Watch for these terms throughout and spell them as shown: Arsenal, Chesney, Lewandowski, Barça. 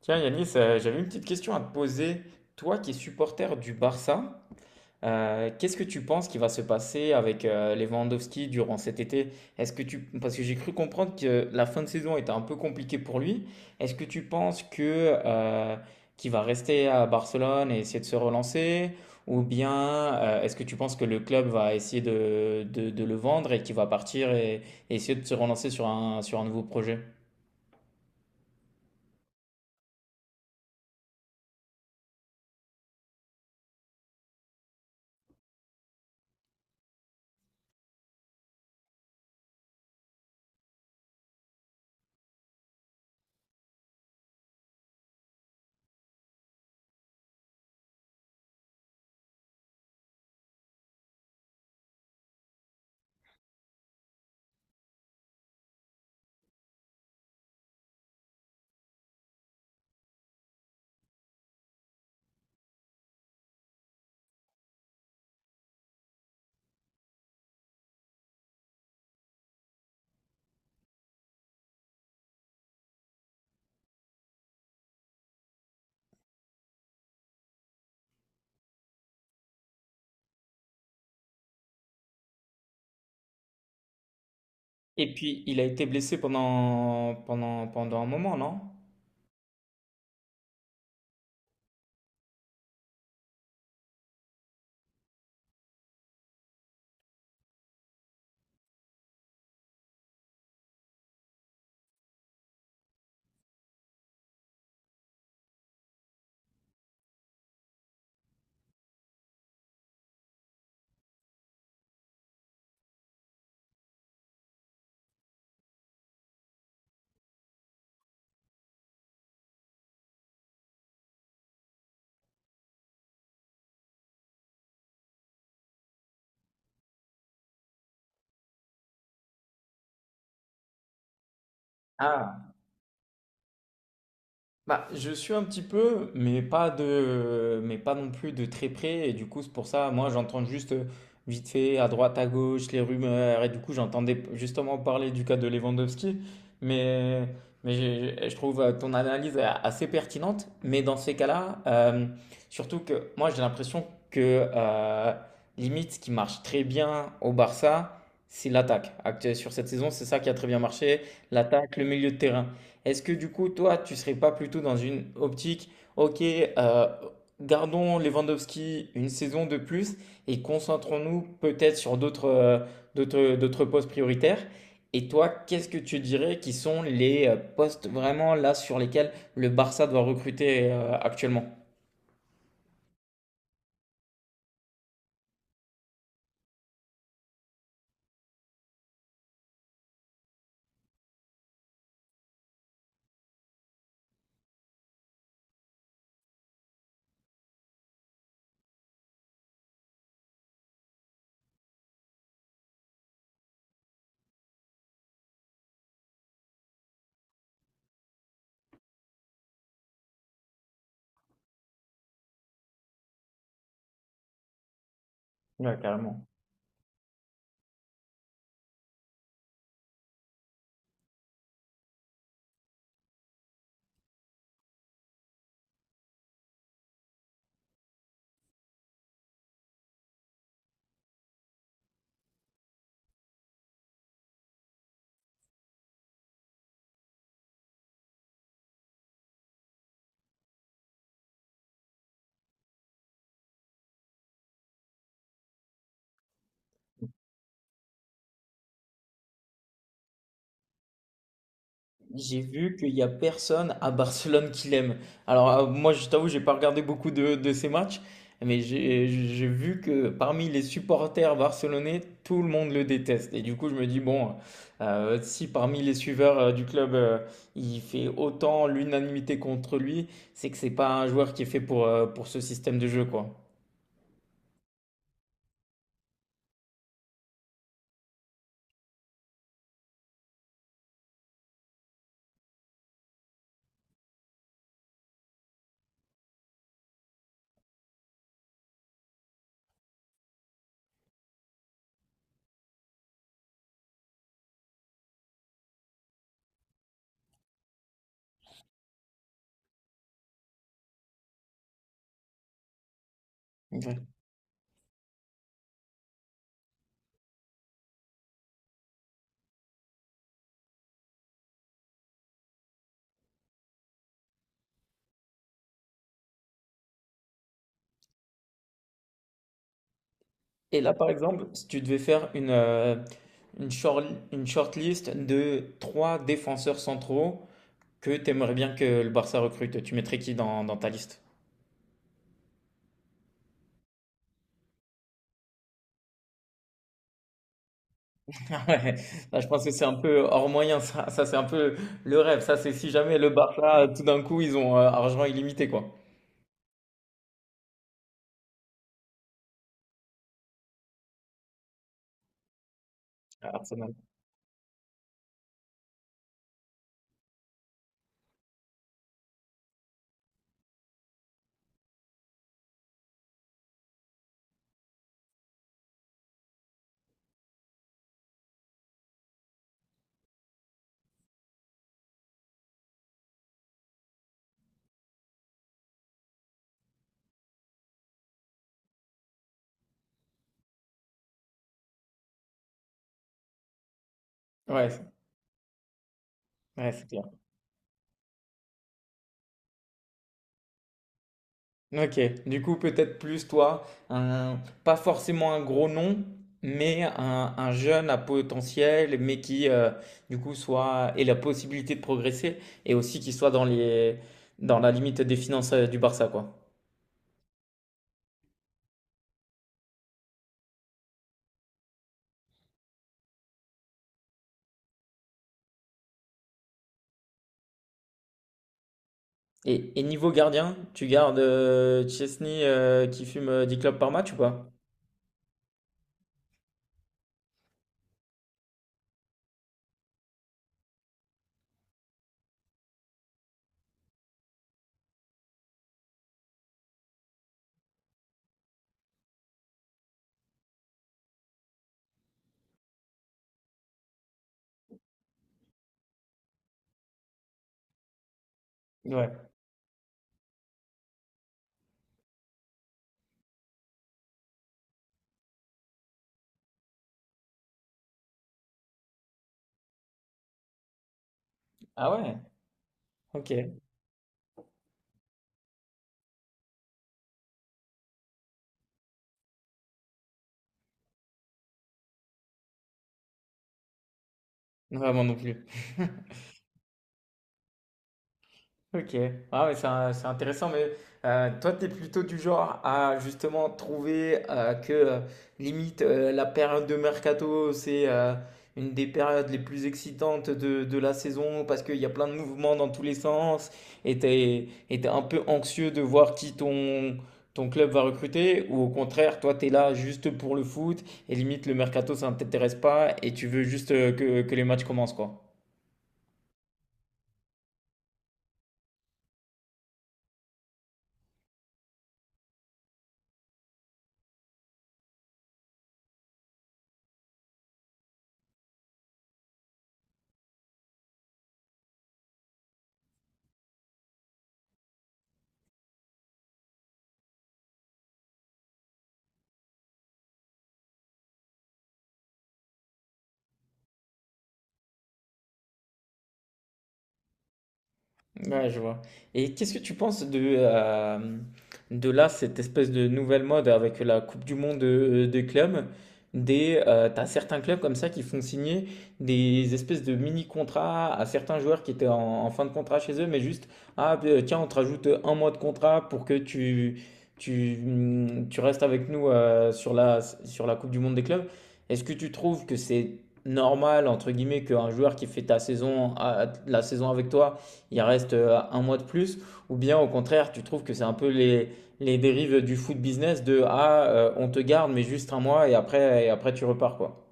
Tiens Yanis, j'avais une petite question à te poser. Toi qui es supporter du Barça, qu'est-ce que tu penses qui va se passer avec Lewandowski durant cet été? Est-ce que tu... Parce que j'ai cru comprendre que la fin de saison était un peu compliquée pour lui. Est-ce que tu penses que, euh, qu'il va rester à Barcelone et essayer de se relancer? Ou bien est-ce que tu penses que le club va essayer de le vendre et qu'il va partir et essayer de se relancer sur sur un nouveau projet? Et puis, il a été blessé pendant un moment, non? Ah. Bah, je suis un petit peu, mais pas de, mais pas non plus de très près. Et du coup, c'est pour ça, moi, j'entends juste vite fait à droite, à gauche, les rumeurs. Et du coup, j'entendais justement parler du cas de Lewandowski. Mais, mais je trouve ton analyse assez pertinente. Mais dans ces cas-là, surtout que moi, j'ai l'impression que limite, ce qui marche très bien au Barça, c'est l'attaque. Actuellement, sur cette saison, c'est ça qui a très bien marché, l'attaque, le milieu de terrain. Est-ce que du coup, toi, tu serais pas plutôt dans une optique, ok, gardons Lewandowski une saison de plus et concentrons-nous peut-être sur d'autres d'autres postes prioritaires? Et toi, qu'est-ce que tu dirais qui sont les postes vraiment là sur lesquels le Barça doit recruter actuellement? Ouais, carrément. J'ai vu qu'il n'y a personne à Barcelone qui l'aime. Alors, moi, je t'avoue, j'ai pas regardé beaucoup de ces matchs, mais j'ai vu que parmi les supporters barcelonais, tout le monde le déteste. Et du coup, je me dis, bon, si parmi les suiveurs du club, il fait autant l'unanimité contre lui, c'est que c'est pas un joueur qui est fait pour ce système de jeu, quoi. Ouais. Et là, par exemple, si tu devais faire une, une short, une shortlist de trois défenseurs centraux, que t'aimerais bien que le Barça recrute? Tu mettrais qui dans, dans ta liste? Ouais, là, je pense que c'est un peu hors moyen, ça c'est un peu le rêve. Ça, c'est si jamais le Barça, tout d'un coup, ils ont argent illimité, quoi. À Arsenal. Ouais, c'est- ouais, c'est clair. Ok, du coup, peut-être plus toi, pas forcément un gros nom, mais un jeune à potentiel, mais qui, du coup, soit, ait la possibilité de progresser et aussi qui soit dans la limite des finances du Barça, quoi. Et niveau gardien, tu gardes Chesney qui fume 10 clopes par match ou pas? Ouais. Ah ouais? Ok. Ouais, moi non plus. Ok, ah ouais, c'est intéressant, mais toi, tu es plutôt du genre à justement trouver que limite la période de mercato, c'est une des périodes les plus excitantes de la saison parce qu'il y a plein de mouvements dans tous les sens et tu es, un peu anxieux de voir qui ton, ton club va recruter ou au contraire, toi, tu es là juste pour le foot et limite le mercato, ça ne t'intéresse pas et tu veux juste que les matchs commencent, quoi. Ouais, je vois. Et qu'est-ce que tu penses de là, cette espèce de nouvelle mode avec la Coupe du Monde de clubs? Des, t'as certains clubs comme ça qui font signer des espèces de mini-contrats à certains joueurs qui étaient en, en fin de contrat chez eux, mais juste, ah tiens, on te rajoute un mois de contrat pour que tu restes avec nous sur la Coupe du Monde des clubs. Est-ce que tu trouves que c'est normal, entre guillemets, qu'un joueur qui fait ta saison, ah, la saison avec toi, il reste un mois de plus, ou bien au contraire, tu trouves que c'est un peu les dérives du foot business de ah, on te garde, mais juste un mois et après tu repars quoi.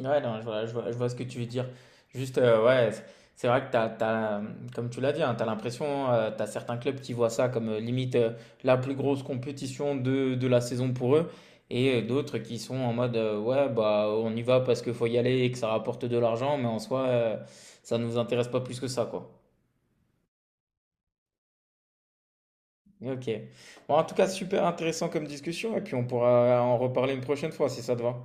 Ouais, non, je vois, je vois, je vois ce que tu veux dire. Juste, ouais, c'est vrai que t'as, t'as, comme tu l'as dit, tu as l'impression, tu as certains clubs qui voient ça comme limite la plus grosse compétition de la saison pour eux, et d'autres qui sont en mode, ouais, bah on y va parce qu'il faut y aller et que ça rapporte de l'argent, mais en soi, ça nous intéresse pas plus que ça, quoi. Ok. Bon, en tout cas, super intéressant comme discussion et puis on pourra en reparler une prochaine fois si ça te va.